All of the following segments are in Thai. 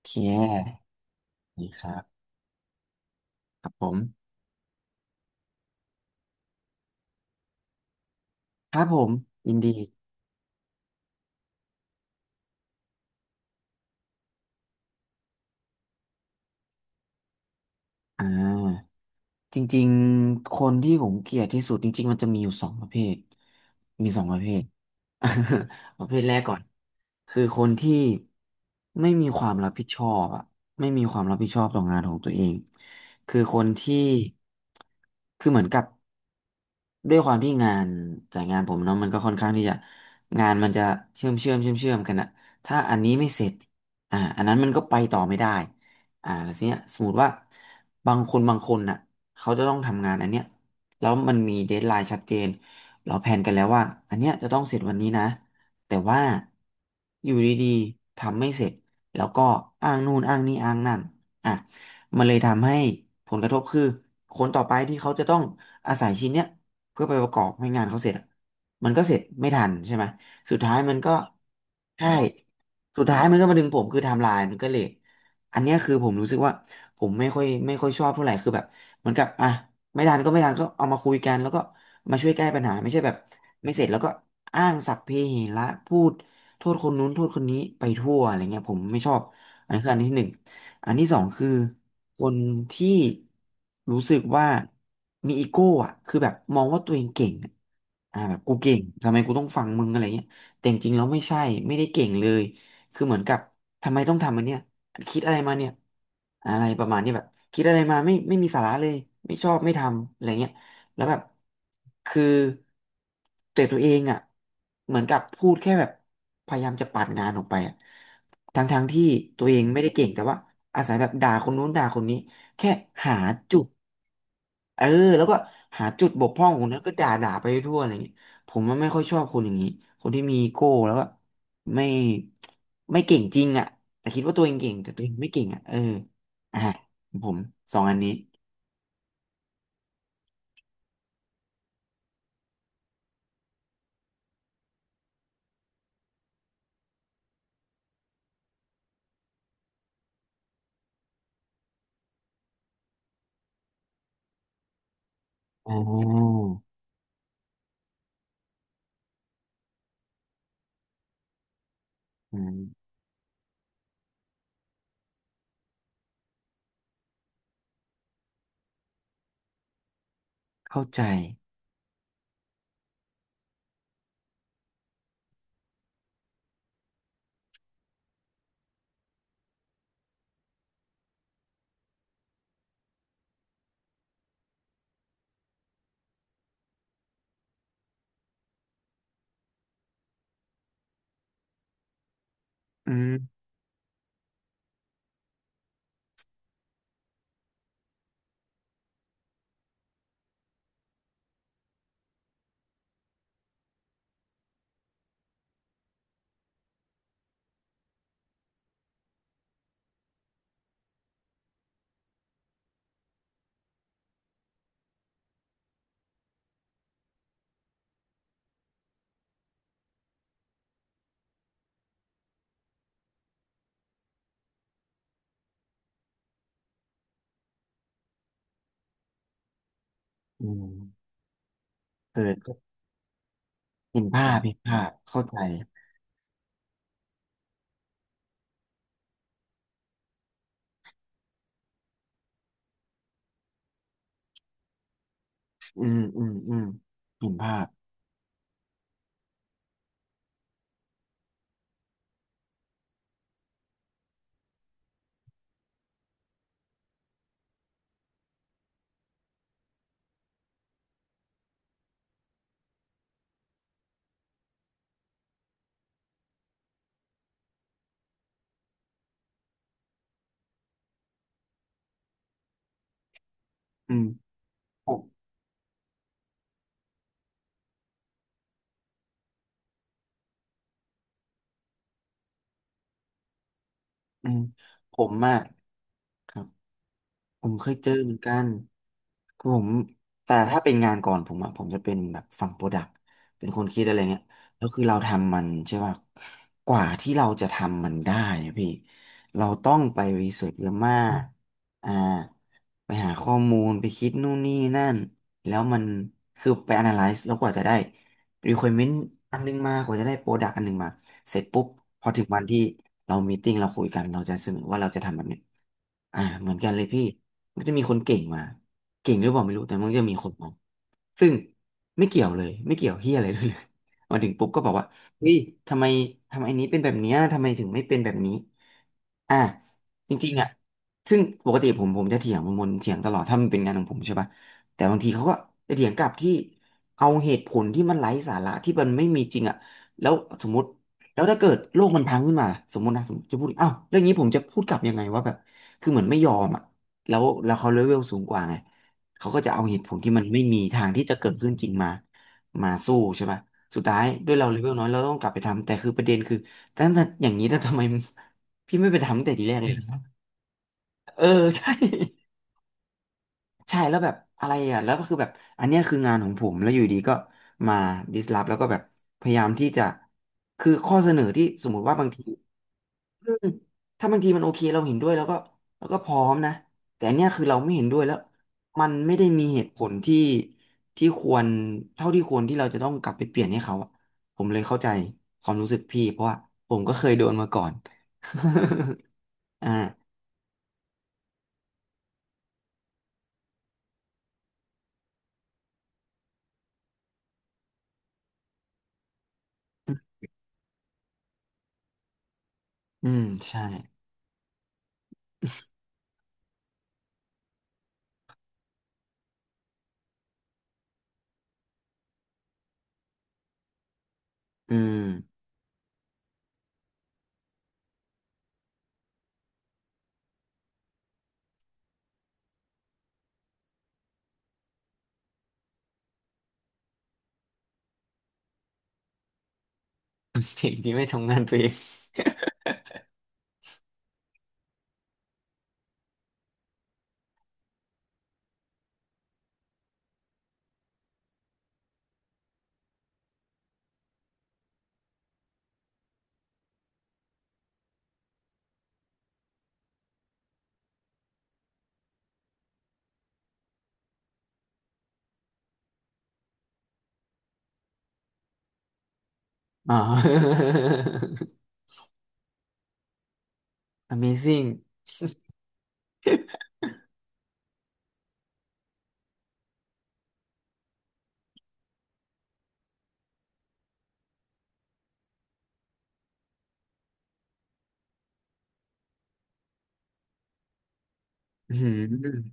โอเคดีครับครับผมครับผมยินดีอ่าจริงๆคนที่ผมเกลียดที่สุดจริงๆมันจะมีอยู่สองประเภทมีสองประเภท ประเภทแรกก่อนคือคนที่ไม่มีความรับผิดชอบอะไม่มีความรับผิดชอบต่องานของตัวเองคือคนที่คือเหมือนกับ ด้วยความที่งานจากงานผมเนาะมันก็ค่อนข้างที่จะงานมันจะเชื่อมกันอะถ้าอันนี้ไม่เสร็จอันนั้นมันก็ไปต่อไม่ได้แล้วทีเนี้ยสมมติว่าบางคนน่ะเขาจะต้องทำงานอันเนี้ยแล้วมันมีเดดไลน์ชัดเจนเราแผนกันแล้วว่าอันเนี้ยจะต้องเสร็จวันนี้นะแต่ว่าอยู่ดีๆทำไม่เสร็จแล้วก็อ้างนู่นอ้างนี่อ้างนั่นอ่ะมันเลยทำให้ผลกระทบคือคนต่อไปที่เขาจะต้องอาศัยชิ้นเนี้ย เพื่อไปประกอบให้งานเขาเสร็จอะมันก็เสร็จไม่ทันใช่ไหมสุดท้ายมันก็ใช่สุดท้ายมันก็มาดึงผมคือไทม์ไลน์มันก็เลทอันเนี้ยคือผมรู้สึกว่าผมไม่ค่อยชอบเท่าไหร่คือแบบเหมือนกับอ่ะไม่ทันก็ไม่ทันก็เอามาคุยกันแล้วก็มาช่วยแก้ปัญหาไม่ใช่แบบไม่เสร็จแล้วก็อ้างสรรพเพเหระพูดโทษคนนู้นโทษคนนี้ไปทั่วอะไรเงี้ยผมไม่ชอบอันนี้คืออันที่หนึ่ง อันที่สองคือคนที่รู้สึกว่ามีอีโก้อ่ะคือแบบมองว่าตัวเองเก่งอะแบบกูเก่งทำไมกูต้องฟังมึงอะไรเงี้ยแต่จริงๆแล้วไม่ใช่ไม่ได้เก่งเลยคือเหมือนกับทำไมต้องทำอันเนี้ยคิดอะไรมาเนี่ยอะไรประมาณเนี้ยแบบคิดอะไรมาไม่มีสาระเลยไม่ชอบไม่ทำอะไรเงี้ยแล้วแบบคือแต่ตัวเองอ่ะเหมือนกับพูดแค่แบบพยายามจะปัดงานออกไปอะ ทั้งทางที่ตัวเองไม่ได้เก่งแต่ว่าอาศัยแบบด่าคนนู้นด่าคนนี้แค่หาจุดเออแล้วก็หาจุดบกพร่องของนั้นก็ด่าด่าไปทั่วอะไรอย่างนี้ผมมันไม่ค่อยชอบคนอย่างนี้คนที่มีอีโก้แล้วก็ไม่ไม่เก่งจริงอ่ะแต่คิดว่าตัวเองเก่งแต่ตัวเองไม่เก่งอ่ะเอออ่ะผมสองอันนี้อออืมเข้าใจอืมอืมเออเห็นภาพเห็นภาพเข้าใจอืมอืมอืมเห็นภาพอืม อืมผมอะครับผมเคยเจอเหมือนกันคือผมแต่ถ้าเป็นงานก่อนผมอะผมจะเป็นแบบฝั่งโปรดักต์เป็นคนคิดอะไรเนี้ยแล้วคือเราทำมันใช่ป่ะกว่าที่เราจะทำมันได้อะพี่เราต้องไปรีเสิร์ชเยอะมากอ่าไปหาข้อมูลไปคิดนู่นนี่นั่นแล้วมันคือไป analyze แล้วกว่าจะได้ requirement อันนึงมากว่าจะได้โปรดักตอันนึงมาเสร็จปุ๊บพอถึงวันที่เรามีตติ้งเราคุยกันเราจะเสนอว่าเราจะทำแบบเนี้ยอ่าเหมือนกันเลยพี่มันก็จะมีคนเก่งมาเก่งหรือเปล่าไม่รู้แต่มันก็จะมีคนมองซึ่งไม่เกี่ยวเลยไม่เกี่ยวเฮียอะไรด้วยเลย มาถึงปุ๊บก็บอกว่าเฮ้ยทำไมทำไมอันนี้เป็นแบบเนี้ยทำไมถึงไม่เป็นแบบนี้ อ่าจริงๆอ่ะซึ่งปกติผมจะเถียงมนตเถียงตลอดถ้ามันเป็นงานของผมใช่ป่ะแต่บางทีเขาก็จะเถียงกลับที่เอาเหตุผลที่มันไร้สาระที่มันไม่มีจริงอ่ะแล้วสมมติแล้วถ้าเกิดโลกมันพังขึ้นมาสมมตินะสมมติจะพูดอ้าวเรื่องนี้ผมจะพูดกลับยังไงว่าแบบคือเหมือนไม่ยอมอ่ะแล้วเขาเลเวลสูงกว่าไงเขาก็จะเอาเหตุผลที่มันไม่มีทางที่จะเกิดขึ้นจริงมามาสู้ใช่ป่ะสุดท้ายด้วยเราเลเวลน้อยเราต้องกลับไปทำแต่คือประเด็นคือแต่ถ้าอย่างนี้แล้วทำไม พี่ไม่ไปทำตั้งแต่ทีแรกเลยเออ ใช่ ใช่แล้วแบบอะไรอ่ะแล้วก็คือแบบอันเนี้ยคืองานของผมแล้วอยู่ดีก็มาดิสล p แล้วก็แบบพยายามที่จะคือข้อเสนอที่สมมุติว่าบางทีอืมถ้าบางทีมันโอเคเราเห็นด้วยแล้วก็พร้อมนะแต่อันเนี้ยคือเราไม่เห็นด้วยแล้วมันไม่ได้มีเหตุผลที่ที่ควรเท่าที่ควรที่เราจะต้องกลับไปเปลี่ยนให้เขาอะผมเลยเข้าใจความรู้สึกพี่เพราะว่าผมก็เคยโดนมาก่อน อ่าอืมใช่ อืมสิ่ที่ไม่ทำงานตัวเอง อ๋อ Amazing อืม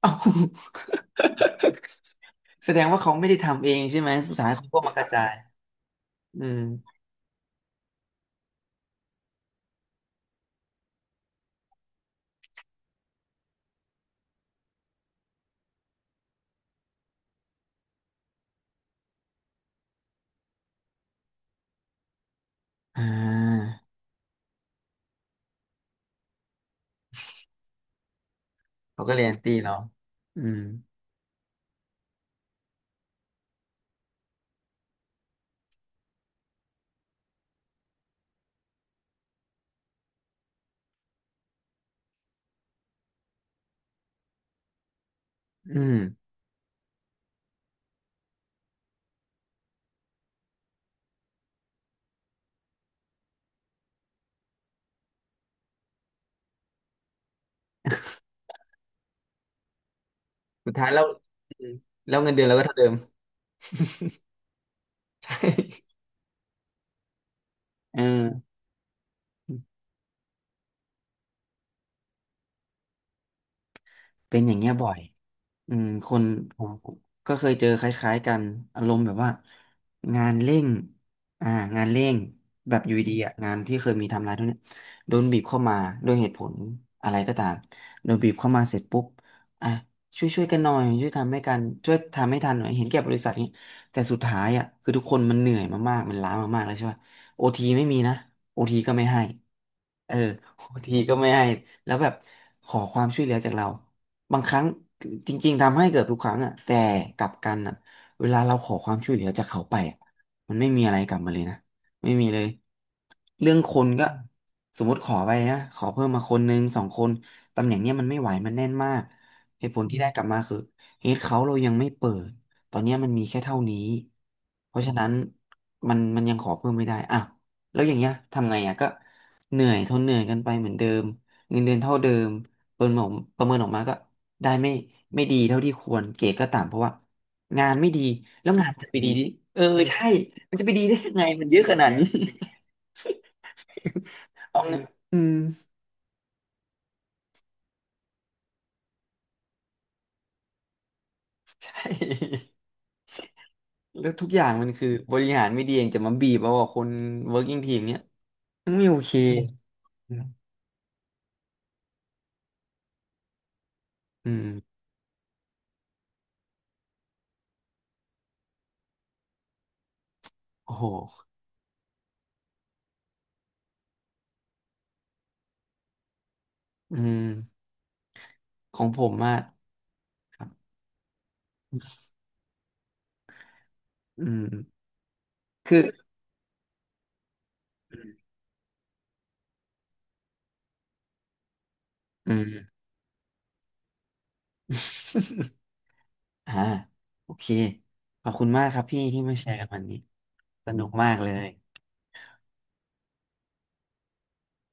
เอ้าแสดงว่าเขาไม่ได้ทำเองใช่ไหมสุดท้ายเขาก็มากระจายอืมอ่าเขาก็เรียนตีเราอืมอืมสุดท้ายแล้วอืมแล้วเงินเดือนเราก็เท่าเดิม อืม เป็นอย่างเงี้ยบ่อยอืมคนผมก็เคยเจอคล้ายๆกันอารมณ์แบบว่างานเร่งอ่างานเร่งแบบอยู่ดีๆอ่ะงานที่เคยมีไทำลายทุกเนี้ยโดนบีบเข้ามาด้วยเหตุผลอะไรก็ตามโดนบีบเข้ามาเสร็จปุ๊บอ่ะช่วยกันหน่อยช่วยทำให้กันช่วยทำให้ทันหน่อยเห็นแก่บริษัทนี้แต่สุดท้ายอ่ะคือทุกคนมันเหนื่อยมากๆมันล้ามากๆแล้วใช่ป่ะโอทีไม่มีนะโอทีก็ไม่ให้เออโอทีก็ไม่ให้แล้วแบบขอความช่วยเหลือจากเรา บางครั้งจริงๆทำให้เกือบทุกครั้งอ่ะแต่กลับกันอ่ะเวลาเราขอความช่วยเหลือจากเขาไปอะมันไม่มีอะไรกลับมาเลยนะไม่มีเลยเรื่องคนก็สมมติขอไปนะขอเพิ่มมาคนหนึ่งสองคนตำแหน่งเนี้ยมันไม่ไหวมันแน่นมากเหตุผลที่ได้กลับมาคือเฮดเขาเรายังไม่เปิดตอนเนี้ยมันมีแค่เท่านี้เพราะฉะนั้นมันยังขอเพิ่มไม่ได้อ่ะแล้วอย่างเงี้ยทำไงอ่ะก็เหนื่อยทนเหนื่อยกันไปเหมือนเดิมเงินเดือนเท่าเดิมปเมิออกประเมินออกมาก็ ได้ไม่ไม่ดีเท่าที่ควรเกรดก็ต่ำเพราะว่างานไม่ดีแล้วงานจะไปดีดิเออใช่มันจะไปดีได้ยังไงมันเยอะขนาดนี้ เอาเงินอืมใช่ แล้วทุกอย่างมันคือบริหารไม่ดีเองจะมาบีบเอาอะคน working team เนี้ยมันไม่โอเคอืมโอ้โหอืมของผมมากครับอืมคืออืม อ่าโอเคขอบคุณมากครับพี่ที่มาแชร์กันวันนี้สนุกมากเลย